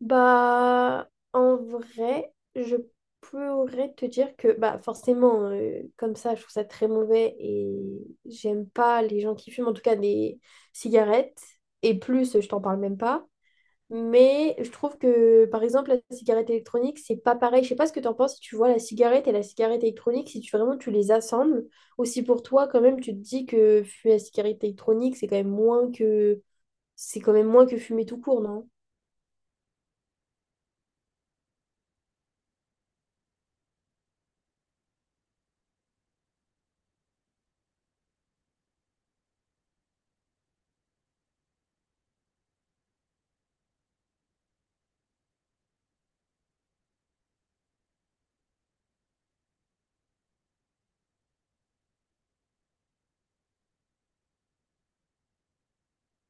Bah, en vrai, je pourrais te dire que, bah, forcément, comme ça, je trouve ça très mauvais et j'aime pas les gens qui fument, en tout cas des cigarettes. Et plus, je t'en parle même pas. Mais je trouve que, par exemple, la cigarette électronique, c'est pas pareil. Je sais pas ce que t'en penses si tu vois la cigarette et la cigarette électronique, si tu vraiment tu les assembles. Aussi pour toi, quand même, tu te dis que fumer la cigarette électronique, c'est quand même moins que fumer tout court, non?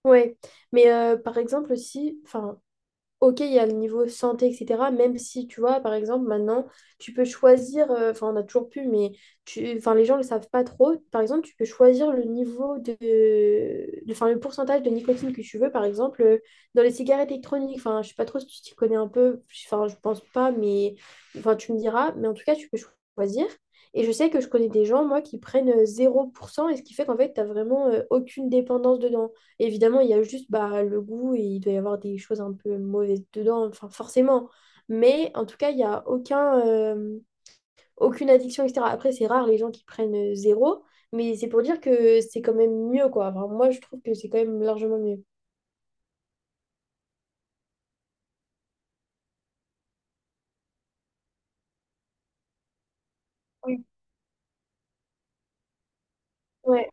Ouais, mais par exemple si, enfin, ok, il y a le niveau santé, etc. Même si, tu vois, par exemple, maintenant, tu peux choisir, enfin, on a toujours pu, mais tu, enfin, les gens ne le savent pas trop. Par exemple, tu peux choisir le niveau enfin, le pourcentage de nicotine que tu veux, par exemple, dans les cigarettes électroniques. Enfin, je sais pas trop si tu t'y connais un peu, enfin, je pense pas, mais, enfin, tu me diras, mais en tout cas, tu peux choisir. Et je sais que je connais des gens, moi, qui prennent 0%, et ce qui fait qu'en fait, tu n'as vraiment aucune dépendance dedans. Évidemment, il y a juste bah, le goût et il doit y avoir des choses un peu mauvaises dedans, enfin forcément. Mais en tout cas, il n'y a aucun, aucune addiction, etc. Après, c'est rare les gens qui prennent zéro, mais c'est pour dire que c'est quand même mieux, quoi. Enfin, moi, je trouve que c'est quand même largement mieux. Oui. Ouais,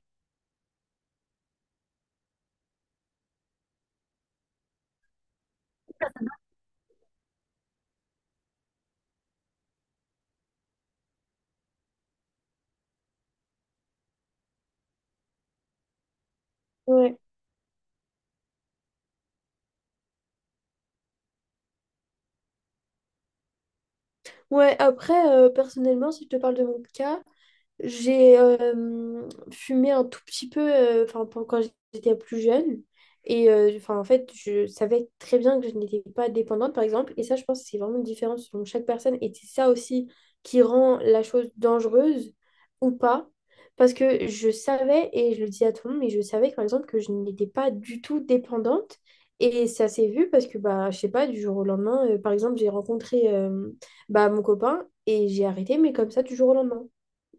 ouais. Ouais, après, personnellement, si je te parle de mon cas, j'ai fumé un tout petit peu enfin, quand j'étais plus jeune. Et enfin, en fait, je savais très bien que je n'étais pas dépendante, par exemple. Et ça, je pense que c'est vraiment différent selon chaque personne. Et c'est ça aussi qui rend la chose dangereuse ou pas. Parce que je savais, et je le dis à tout le monde, mais je savais, par exemple, que je n'étais pas du tout dépendante. Et ça s'est vu parce que, bah, je sais pas, du jour au lendemain, par exemple, j'ai rencontré bah, mon copain et j'ai arrêté, mais comme ça, du jour au lendemain.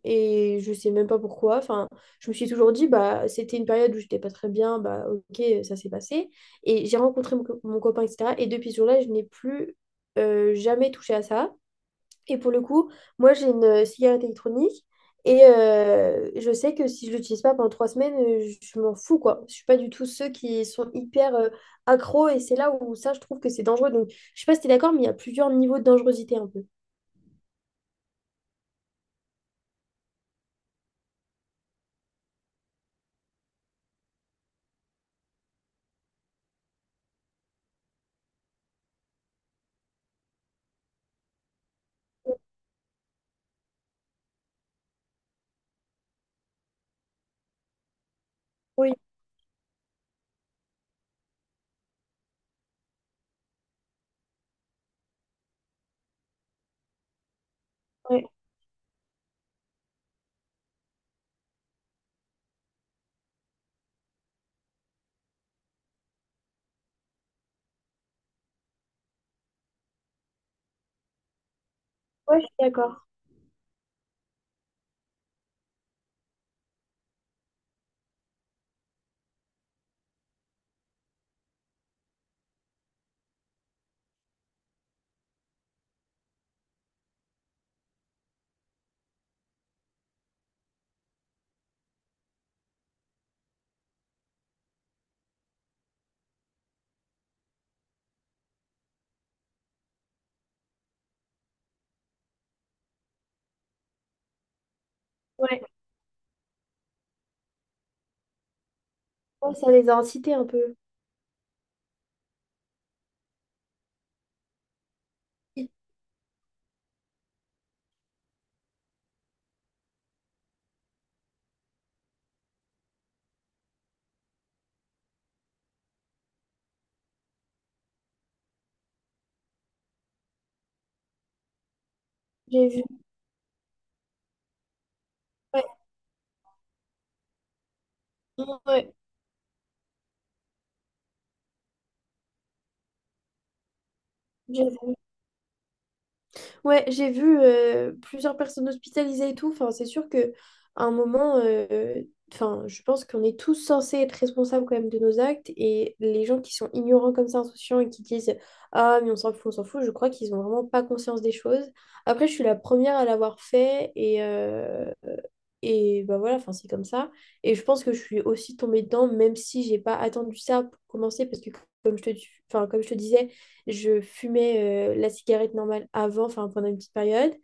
Et je sais même pas pourquoi. Enfin, je me suis toujours dit, bah, c'était une période où j'étais pas très bien, bah, ok, ça s'est passé. Et j'ai rencontré mon copain, etc. Et depuis ce jour-là, je n'ai plus jamais touché à ça. Et pour le coup, moi, j'ai une cigarette électronique. Et je sais que si je l'utilise pas pendant 3 semaines, je m'en fous, quoi. Je suis pas du tout ceux qui sont hyper accros. Et c'est là où ça, je trouve que c'est dangereux. Donc, je sais pas si t'es d'accord, mais il y a plusieurs niveaux de dangerosité un peu. Oui, ouais, ouais, je suis d'accord. Ouais, ça les a incités un peu. J'ai vu. Ouais, ouais. J'ai Ouais, j'ai vu plusieurs personnes hospitalisées et tout. Enfin, c'est sûr que à un moment, enfin, je pense qu'on est tous censés être responsables quand même de nos actes. Et les gens qui sont ignorants comme ça, insouciants et qui disent ah, mais on s'en fout, je crois qu'ils ont vraiment pas conscience des choses. Après, je suis la première à l'avoir fait, et bah voilà, enfin, c'est comme ça. Et je pense que je suis aussi tombée dedans, même si j'ai pas attendu ça pour commencer, parce que comme je te, comme je te disais, je fumais la cigarette normale avant, enfin pendant une petite période.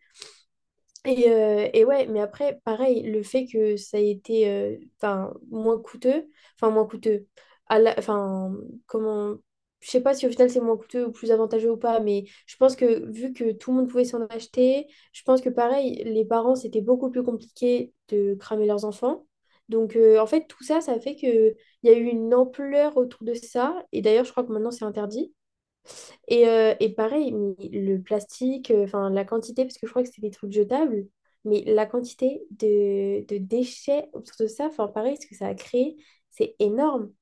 Et ouais, mais après, pareil, le fait que ça ait été enfin, moins coûteux, à la- enfin comment, je sais pas si au final c'est moins coûteux ou plus avantageux ou pas, mais je pense que vu que tout le monde pouvait s'en acheter, je pense que pareil, les parents, c'était beaucoup plus compliqué de cramer leurs enfants. Donc en fait, tout ça, ça fait que il y a eu une ampleur autour de ça. Et d'ailleurs, je crois que maintenant, c'est interdit. Et pareil, mais le plastique, enfin la quantité, parce que je crois que c'est des trucs jetables, mais la quantité de déchets autour de ça, enfin pareil, ce que ça a créé, c'est énorme.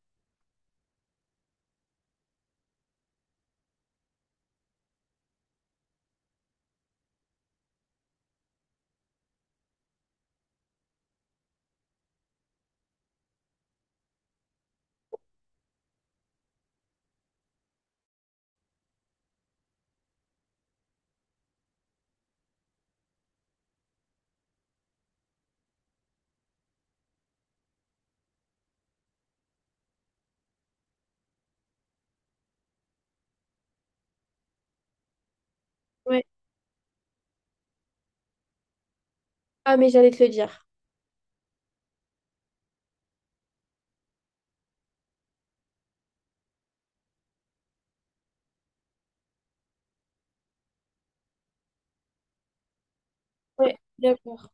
Ouais. Ah, mais j'allais te le dire. Ouais, d'accord.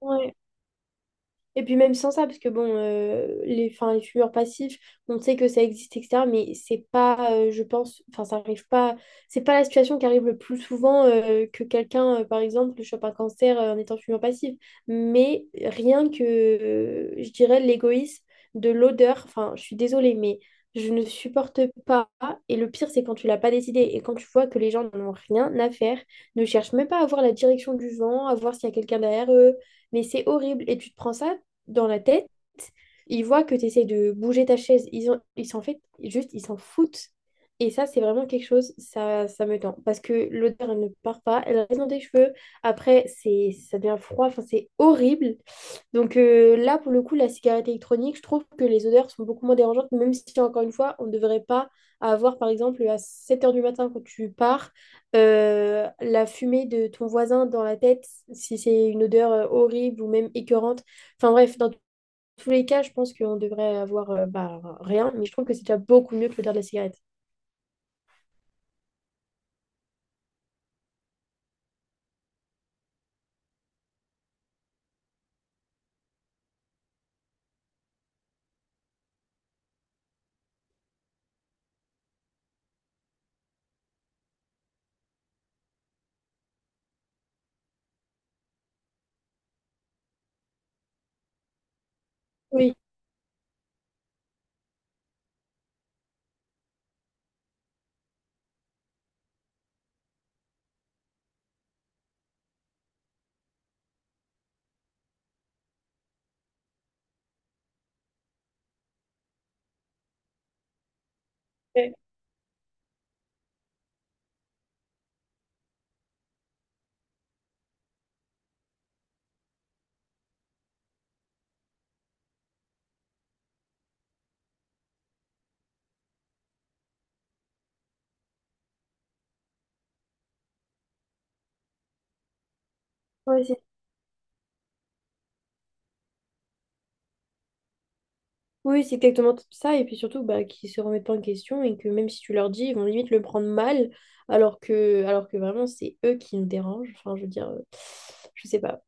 Ouais. Et puis même sans ça, parce que bon, les fumeurs passifs, on sait que ça existe, etc. Mais c'est pas, je pense, enfin ça arrive pas, c'est pas la situation qui arrive le plus souvent que quelqu'un, par exemple, chope un cancer en étant fumeur passif. Mais rien que, je dirais, l'égoïsme de l'odeur, enfin je suis désolée, mais je ne supporte pas. Et le pire, c'est quand tu l'as pas décidé et quand tu vois que les gens n'en ont rien à faire, ne cherchent même pas à voir la direction du vent, à voir s'il y a quelqu'un derrière eux. Mais c'est horrible. Et tu te prends ça dans la tête, ils voient que tu essaies de bouger ta chaise. Ils ont, ils s'en fait, juste, ils s'en foutent. Et ça, c'est vraiment quelque chose, ça me tend. Parce que l'odeur, elle ne part pas, elle reste dans tes cheveux. Après, c'est, ça devient froid, enfin, c'est horrible. Donc là, pour le coup, la cigarette électronique, je trouve que les odeurs sont beaucoup moins dérangeantes, même si, encore une fois, on ne devrait pas avoir, par exemple, à 7 heures du matin quand tu pars, la fumée de ton voisin dans la tête, si c'est une odeur horrible ou même écœurante. Enfin bref, dans tous les cas, je pense qu'on devrait avoir bah, rien, mais je trouve que c'est déjà beaucoup mieux que l'odeur de la cigarette. Oui, ouais. Ouais. Oui, c'est exactement tout ça. Et puis surtout, bah, qu'ils se remettent pas en question et que même si tu leur dis, ils vont limite le prendre mal, alors que vraiment, c'est eux qui nous dérangent. Enfin, je veux dire, je sais pas.